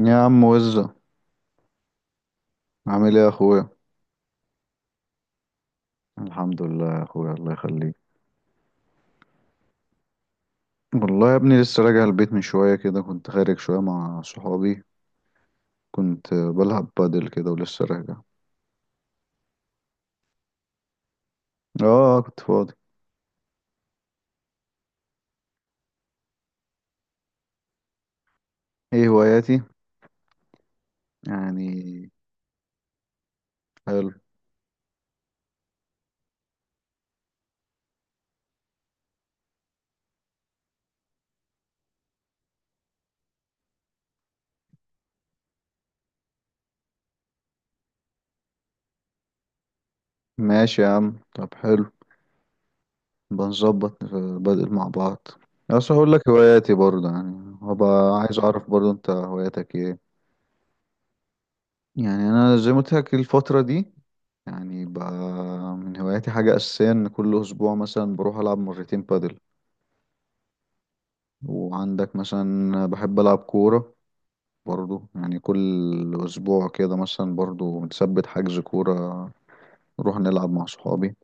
يا عم وزة، عامل ايه يا اخويا؟ الحمد لله يا اخويا، الله يخليك. والله يا ابني لسه راجع البيت من شوية كده، كنت خارج شوية مع صحابي. كنت بلعب بادل كده ولسه راجع. اه كنت فاضي. ايه هواياتي؟ يعني. حلو. ماشي يا عم، طب حلو. بنظبط بادل مع بعض. بس هقول لك هواياتي برضه، يعني هبقى عايز اعرف برضه انت هواياتك ايه. يعني انا زي ما قلت لك الفترة دي، يعني من هواياتي حاجة أساسية إن كل أسبوع مثلا بروح ألعب مرتين بادل. وعندك مثلا بحب ألعب كورة برضو، يعني كل أسبوع كده مثلا برضو بنثبت حجز كورة، نروح نلعب مع صحابي.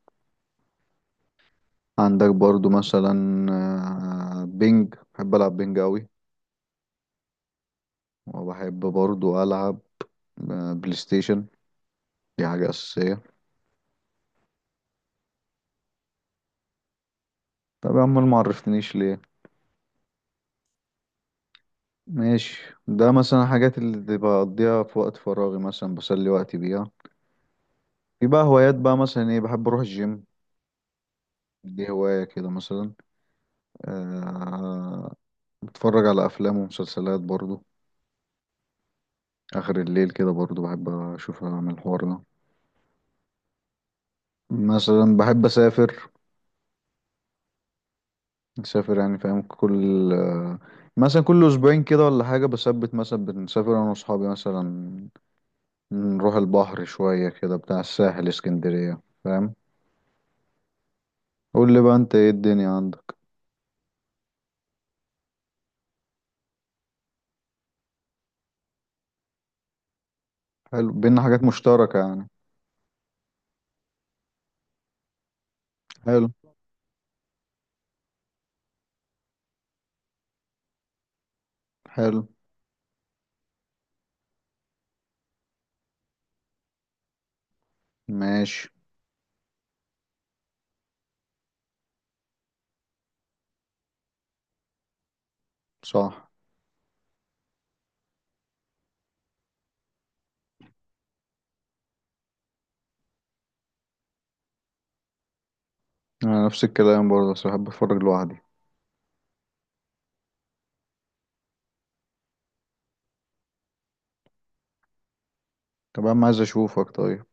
عندك برضو مثلا بينج، بحب ألعب بينج أوي. وبحب برضو ألعب بلاي ستيشن، دي حاجة أساسية. طب يا عم، ما عرفتنيش ليه؟ ماشي، ده مثلا حاجات اللي بقضيها في وقت فراغي، مثلا بسلي وقتي بيها. يبقى هوايات بقى مثلا ايه، بحب اروح الجيم. دي هواية كده مثلا. أه بتفرج على افلام ومسلسلات برضو. اخر الليل كده برضو بحب اشوف اعمل الحوار ده. مثلا بحب اسافر يعني فاهم، كل آه، مثلا كل اسبوعين كده ولا حاجة، بثبت مثلا بنسافر انا واصحابي مثلا، نروح البحر شوية كده، بتاع الساحل اسكندرية، فاهم؟ قول لي بقى، انت ايه الدنيا عندك؟ حلو، بينا حاجات مشتركة يعني. حلو. حلو. ماشي. صح. أنا نفس الكلام برضه، بس بحب أتفرج لوحدي. طب يا عم، عايز أشوفك طيب،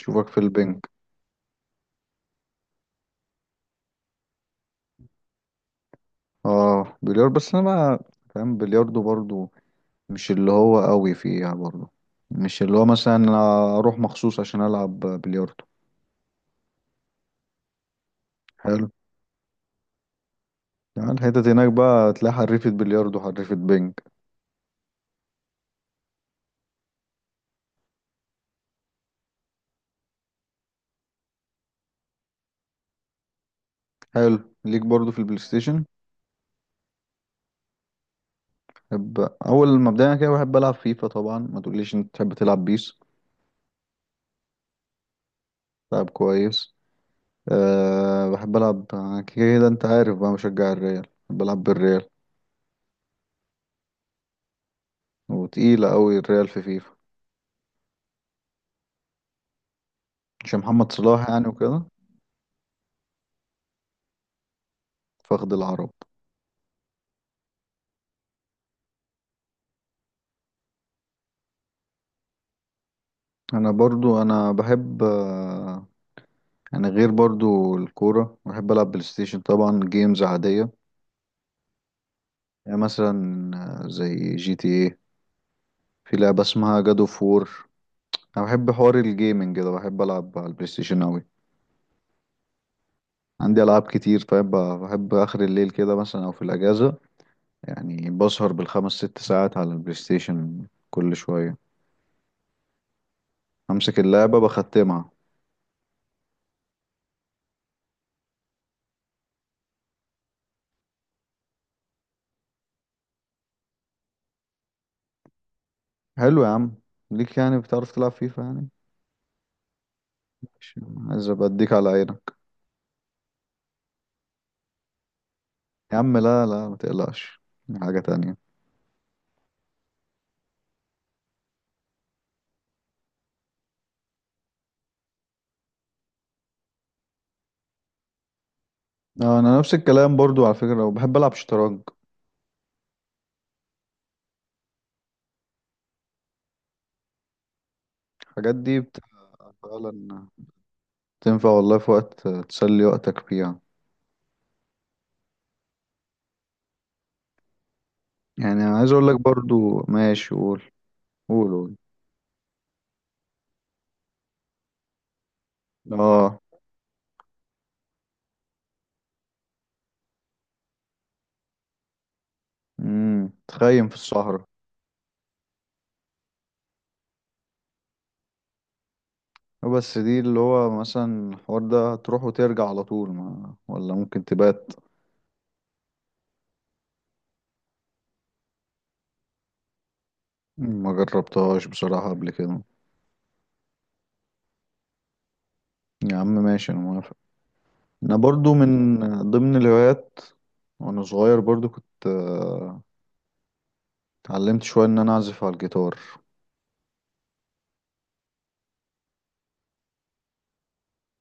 أشوفك في البنك. آه بلياردو، بس أنا بقى فاهم بلياردو برضه، مش اللي هو قوي فيها برضه، مش اللي هو مثلا أنا أروح مخصوص عشان ألعب بلياردو. حلو. يعني الحتت هناك بقى تلاقي حريفة بلياردو، حريفة بنك. حلو ليك برضه في البلاي ستيشن. بحب أول ما بدأنا كده بحب ألعب فيفا طبعا، ما تقوليش أنت تحب تلعب بيس. لعب كويس. أه بحب ألعب كده، أنت عارف بقى مشجع الريال، بحب ألعب بالريال. وتقيلة أوي الريال في فيفا. عشان محمد صلاح يعني وكده. فخد العرب. أنا برضو أنا بحب يعني غير برضو الكورة، بحب ألعب بلاي ستيشن طبعا، جيمز عادية. يعني مثلا زي جي تي ايه، في لعبة اسمها جادو فور. أنا بحب حوار الجيمنج كده، بحب ألعب على البلاي ستيشن أوي. عندي ألعاب كتير، طيب بحب آخر الليل كده مثلا أو في الأجازة، يعني بسهر بالخمس ست ساعات على البلاي ستيشن، كل شوية أمسك اللعبة بختمها. حلو يا عم. ليك يعني بتعرف تلعب فيفا يعني. مش- عايز أبقى أديك على عينك. يا عم لا لا، ما تقلقش، دي حاجة تانية. آه، أنا نفس الكلام برضو على فكرة، وبحب ألعب شطرنج. الحاجات دي فعلا تنفع والله في وقت تسلي وقتك فيها. يعني أنا عايز أقول لك برضو، ماشي قول قول قول. آه، تخيم في الصحراء. بس دي اللي هو مثلا الحوار ده تروح وترجع على طول، ما ولا ممكن تبات؟ ما جربتهاش بصراحة قبل كده. يا عم ماشي، انا موافق. انا برضو من ضمن الهوايات، وانا صغير برضو كنت اتعلمت شوية ان انا اعزف على الجيتار.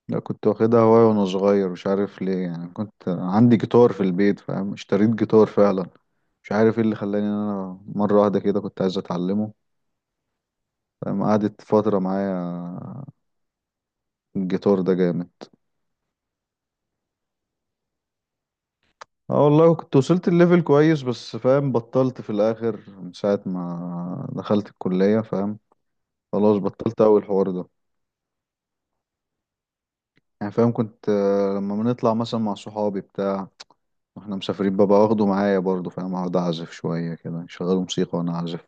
لا كنت واخدها هواية وانا صغير، مش عارف ليه يعني، كنت عندي جيتار في البيت، فاهم؟ اشتريت جيتار فعلا. مش عارف ايه اللي خلاني ان انا مرة واحدة كده كنت عايز اتعلمه. فاهم؟ قعدت فترة معايا الجيتار ده جامد. اه والله كنت وصلت الليفل كويس، بس فاهم بطلت في الاخر من ساعة ما دخلت الكلية، فاهم؟ خلاص بطلت اول حوار ده. يعني فاهم كنت لما بنطلع مثلا مع صحابي بتاع واحنا مسافرين، ببقى واخده معايا برضه، فاهم؟ اقعد اعزف شوية كده شغال موسيقى وانا اعزف.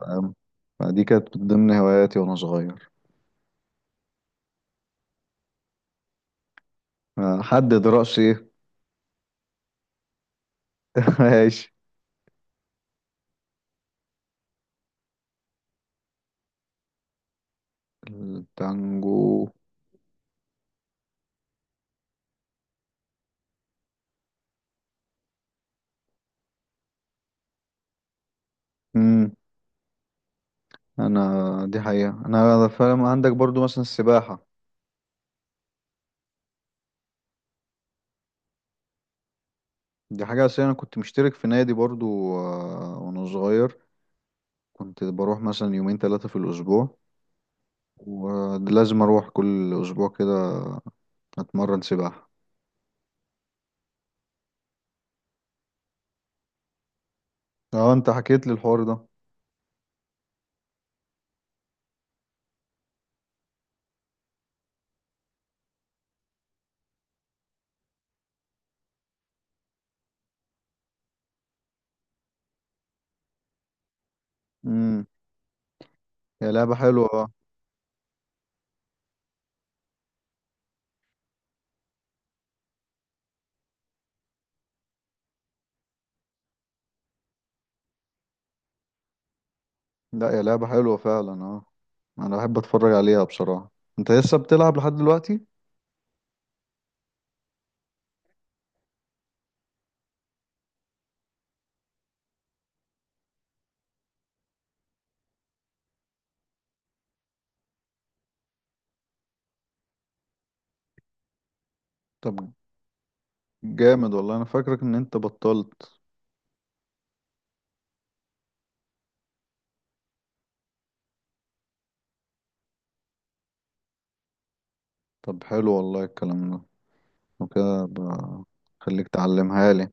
فاهم. فدي كانت من ضمن هواياتي وانا صغير. آه، حدد رأسي ايه. ماشي. التانجو. امم انا دي حقيقة انا فاهم. عندك برضو مثلا السباحة، دي حاجة أساسية. أنا كنت مشترك في نادي برضو وأنا صغير كنت بروح مثلا يومين ثلاثة في الأسبوع، ولازم أروح كل أسبوع كده أتمرن سباحة. اه أنت حكيت لي الحوار ده. امم يا لعبة حلوة اه. لا يا لعبة حلوة فعلا اه. أنا بحب أتفرج عليها بصراحة. أنت لسه بتلعب لحد دلوقتي؟ طب جامد والله، أنا فاكرك إن أنت بطلت. طب حلو والله الكلام ده. وكده خليك تعلمها لي.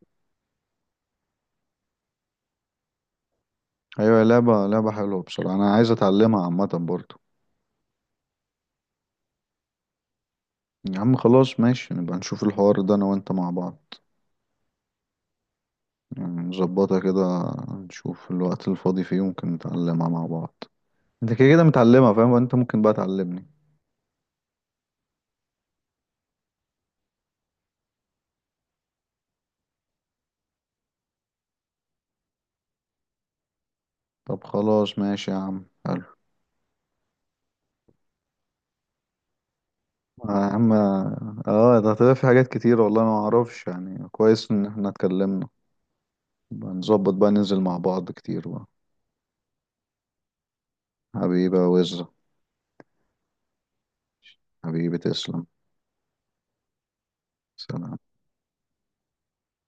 أيوة، يا لعبة حلوة بصراحة، أنا عايز أتعلمها عامة برضو. يا عم خلاص ماشي، نبقى نشوف الحوار ده انا وانت مع بعض. يعني نظبطها كده، نشوف الوقت الفاضي فيه ممكن نتعلمها مع بعض. انت كده كده متعلمها، فاهم؟ انت ممكن بقى تعلمني. طب خلاص ماشي يا عم حلو. يا عم اه، ده هتبقى في حاجات كتير والله، ما اعرفش يعني كويس ان احنا اتكلمنا. نبقى نظبط بقى، ننزل مع بعض كتير بقى. حبيبة وزة. حبيبي تسلم. سلام.